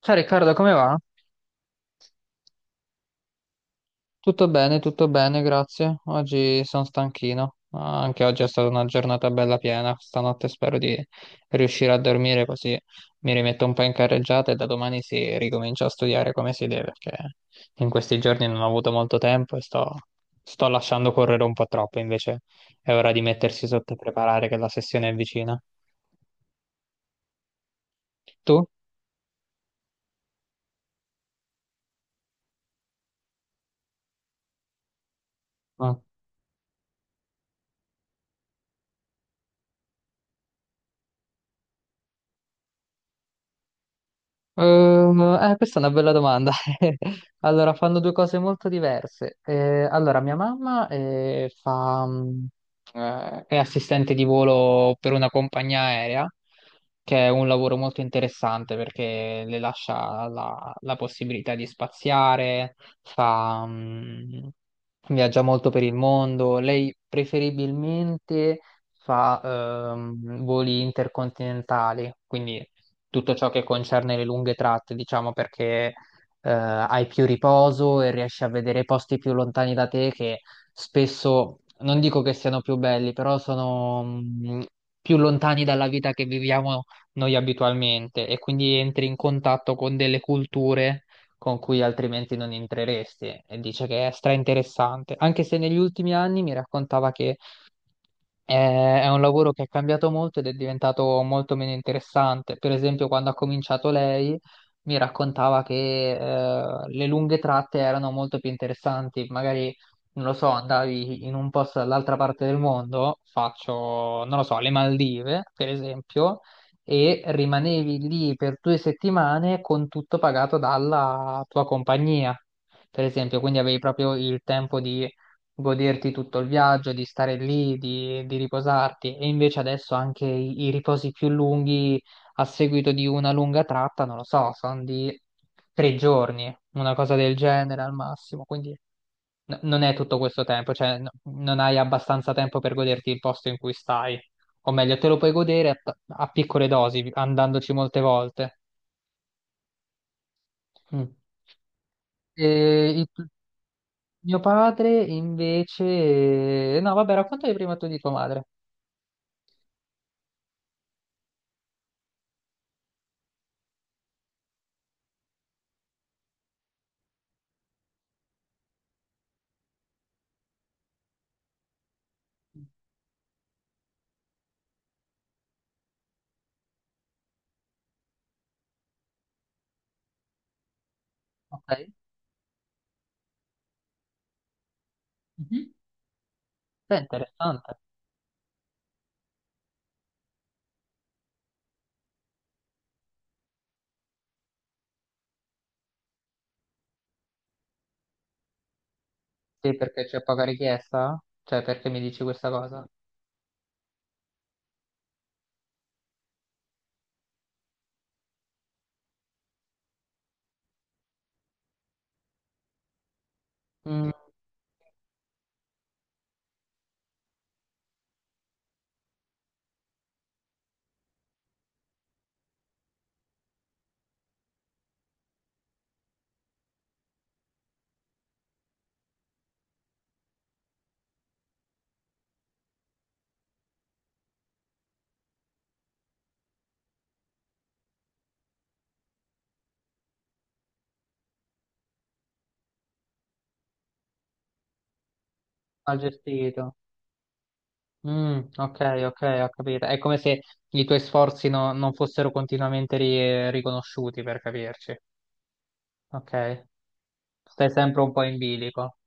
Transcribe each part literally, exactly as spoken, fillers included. Ciao Riccardo, come va? Tutto bene, tutto bene, grazie. Oggi sono stanchino. Ah, anche oggi è stata una giornata bella piena. Stanotte spero di riuscire a dormire così mi rimetto un po' in carreggiata e da domani si ricomincia a studiare come si deve, perché in questi giorni non ho avuto molto tempo e sto, sto lasciando correre un po' troppo. Invece è ora di mettersi sotto e preparare che la sessione è vicina. Tu? Ehm, eh, questa è una bella domanda. Allora, fanno due cose molto diverse. Eh, allora, mia mamma eh, fa, mh, eh, è assistente di volo per una compagnia aerea, che è un lavoro molto interessante perché le lascia la, la possibilità di spaziare, fa, mh, viaggia molto per il mondo. Lei preferibilmente fa ehm, voli intercontinentali, quindi tutto ciò che concerne le lunghe tratte, diciamo, perché eh, hai più riposo e riesci a vedere i posti più lontani da te che spesso, non dico che siano più belli, però sono mh, più lontani dalla vita che viviamo noi abitualmente e quindi entri in contatto con delle culture con cui altrimenti non entreresti e dice che è stra interessante, anche se negli ultimi anni mi raccontava che è è un lavoro che è cambiato molto ed è diventato molto meno interessante. Per esempio, quando ha cominciato lei, mi raccontava che eh, le lunghe tratte erano molto più interessanti. Magari, non lo so, andavi in un posto dall'altra parte del mondo, faccio, non lo so, le Maldive, per esempio, e rimanevi lì per due settimane con tutto pagato dalla tua compagnia. Per esempio, quindi avevi proprio il tempo di goderti tutto il viaggio, di stare lì, di, di riposarti. E invece adesso anche i, i riposi più lunghi a seguito di una lunga tratta, non lo so, sono di tre giorni, una cosa del genere al massimo. Quindi n- non è tutto questo tempo, cioè n- non hai abbastanza tempo per goderti il posto in cui stai. O meglio, te lo puoi godere a, t- a piccole dosi, andandoci molte volte. Mm. E il- mio padre invece... No, vabbè, raccontami prima tu di tua madre. Ok. Mhm. Beh, interessante. Sì, perché c'è poca richiesta? Cioè, perché mi dici questa cosa? Mm, mal gestito. Mm, ok, ok, ho capito. È come se i tuoi sforzi no- non fossero continuamente ri- riconosciuti, per capirci. Ok. Stai sempre un po' in bilico.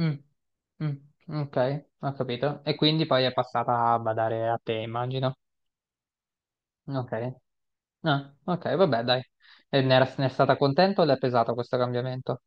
Mm, mm, ok, ho capito. E quindi poi è passata a badare a te, immagino. Ok. Ah, ok, vabbè, dai. E ne, era- ne è stata contenta o le è pesato questo cambiamento?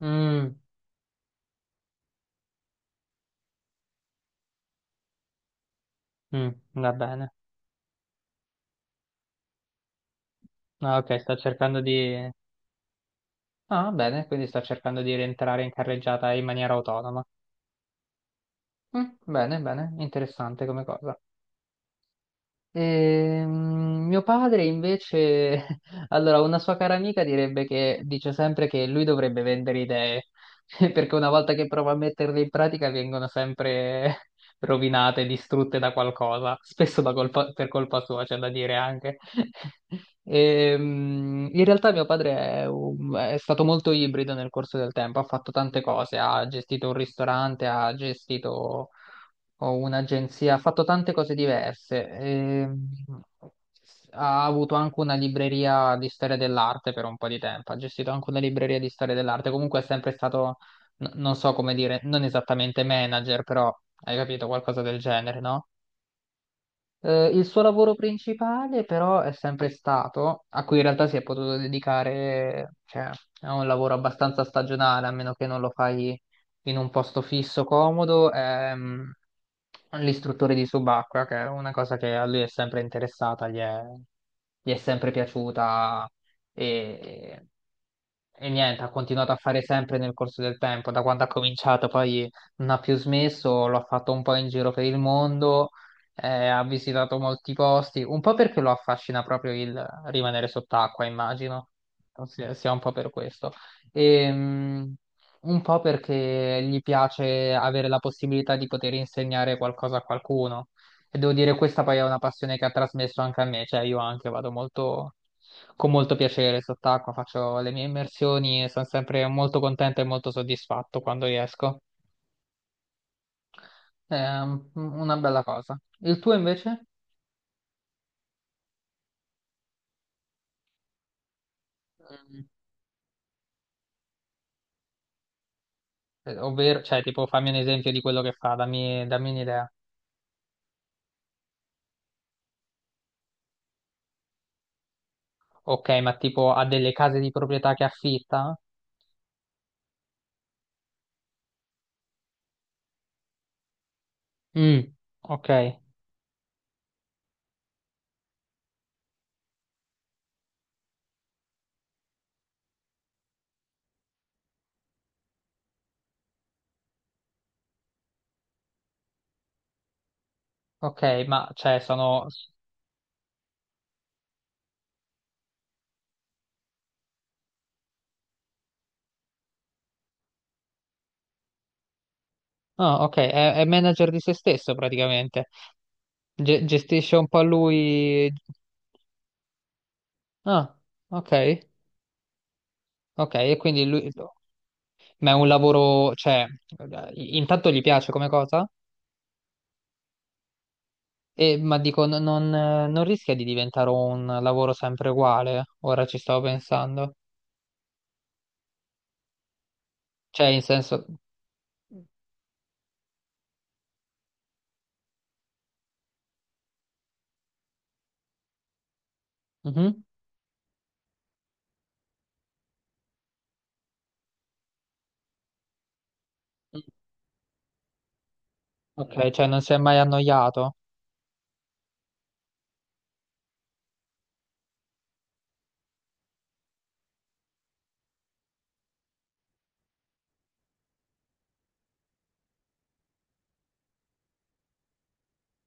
Mm. Mm, va bene. Ah, ok, sto cercando di... Ah, bene, quindi sto cercando di rientrare in carreggiata in maniera autonoma. Mm, bene, bene, interessante come cosa. Ehm, mio padre invece, allora, una sua cara amica direbbe che dice sempre che lui dovrebbe vendere idee, perché una volta che prova a metterle in pratica vengono sempre rovinate, distrutte da qualcosa, spesso da colpa- per colpa sua, c'è da dire anche. Ehm, in realtà mio padre è, un- è stato molto ibrido nel corso del tempo, ha fatto tante cose, ha gestito un ristorante, ha gestito ho un'agenzia, ha fatto tante cose diverse. ehm, ha avuto anche una libreria di storia dell'arte per un po' di tempo, ha gestito anche una libreria di storia dell'arte. Comunque è sempre stato, n- non so come dire, non esattamente manager, però hai capito qualcosa del genere, no? Eh, il suo lavoro principale però è sempre stato, a cui in realtà si è potuto dedicare, cioè è un lavoro abbastanza stagionale, a meno che non lo fai in un posto fisso, comodo, è mm, l'istruttore di subacquea, che è una cosa che a lui è sempre interessata, gli è, gli è sempre piaciuta e, e niente, ha continuato a fare sempre nel corso del tempo, da quando ha cominciato poi non ha più smesso, lo ha fatto un po' in giro per il mondo eh, ha visitato molti posti, un po' perché lo affascina proprio il rimanere sott'acqua, immagino, sia sia un po' per questo, e, mh, un po' perché gli piace avere la possibilità di poter insegnare qualcosa a qualcuno. E devo dire, questa poi è una passione che ha trasmesso anche a me, cioè io anche vado molto, con molto piacere sott'acqua, faccio le mie immersioni e sono sempre molto contento e molto soddisfatto quando riesco. È un- una bella cosa. Il tuo invece? Eh, Ovvero, cioè, tipo, fammi un esempio di quello che fa, dammi, dammi un'idea. Ok, ma tipo ha delle case di proprietà che affitta? Mm, ok, ok, ma cioè sono... Ah, ok, è, è manager di se stesso praticamente. Ge- gestisce un po' lui... Ah, ok, ok, e quindi lui... Ma è un lavoro, cioè, intanto gli piace come cosa? E, ma dico, non non- non rischia di diventare un lavoro sempre uguale? Ora ci stavo pensando. Cioè, in senso... Mhm. Mm. Ok, cioè non si è mai annoiato.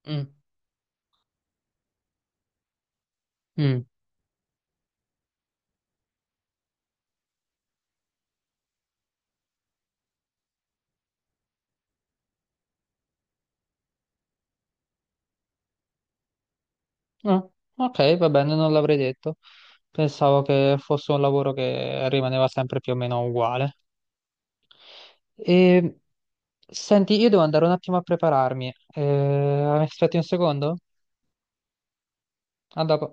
Mm. Mm. Ah, ok, va bene, non l'avrei detto. Pensavo che fosse un lavoro che rimaneva sempre più o meno uguale. E... Senti, io devo andare un attimo a prepararmi. Eh, aspetti un secondo? A dopo.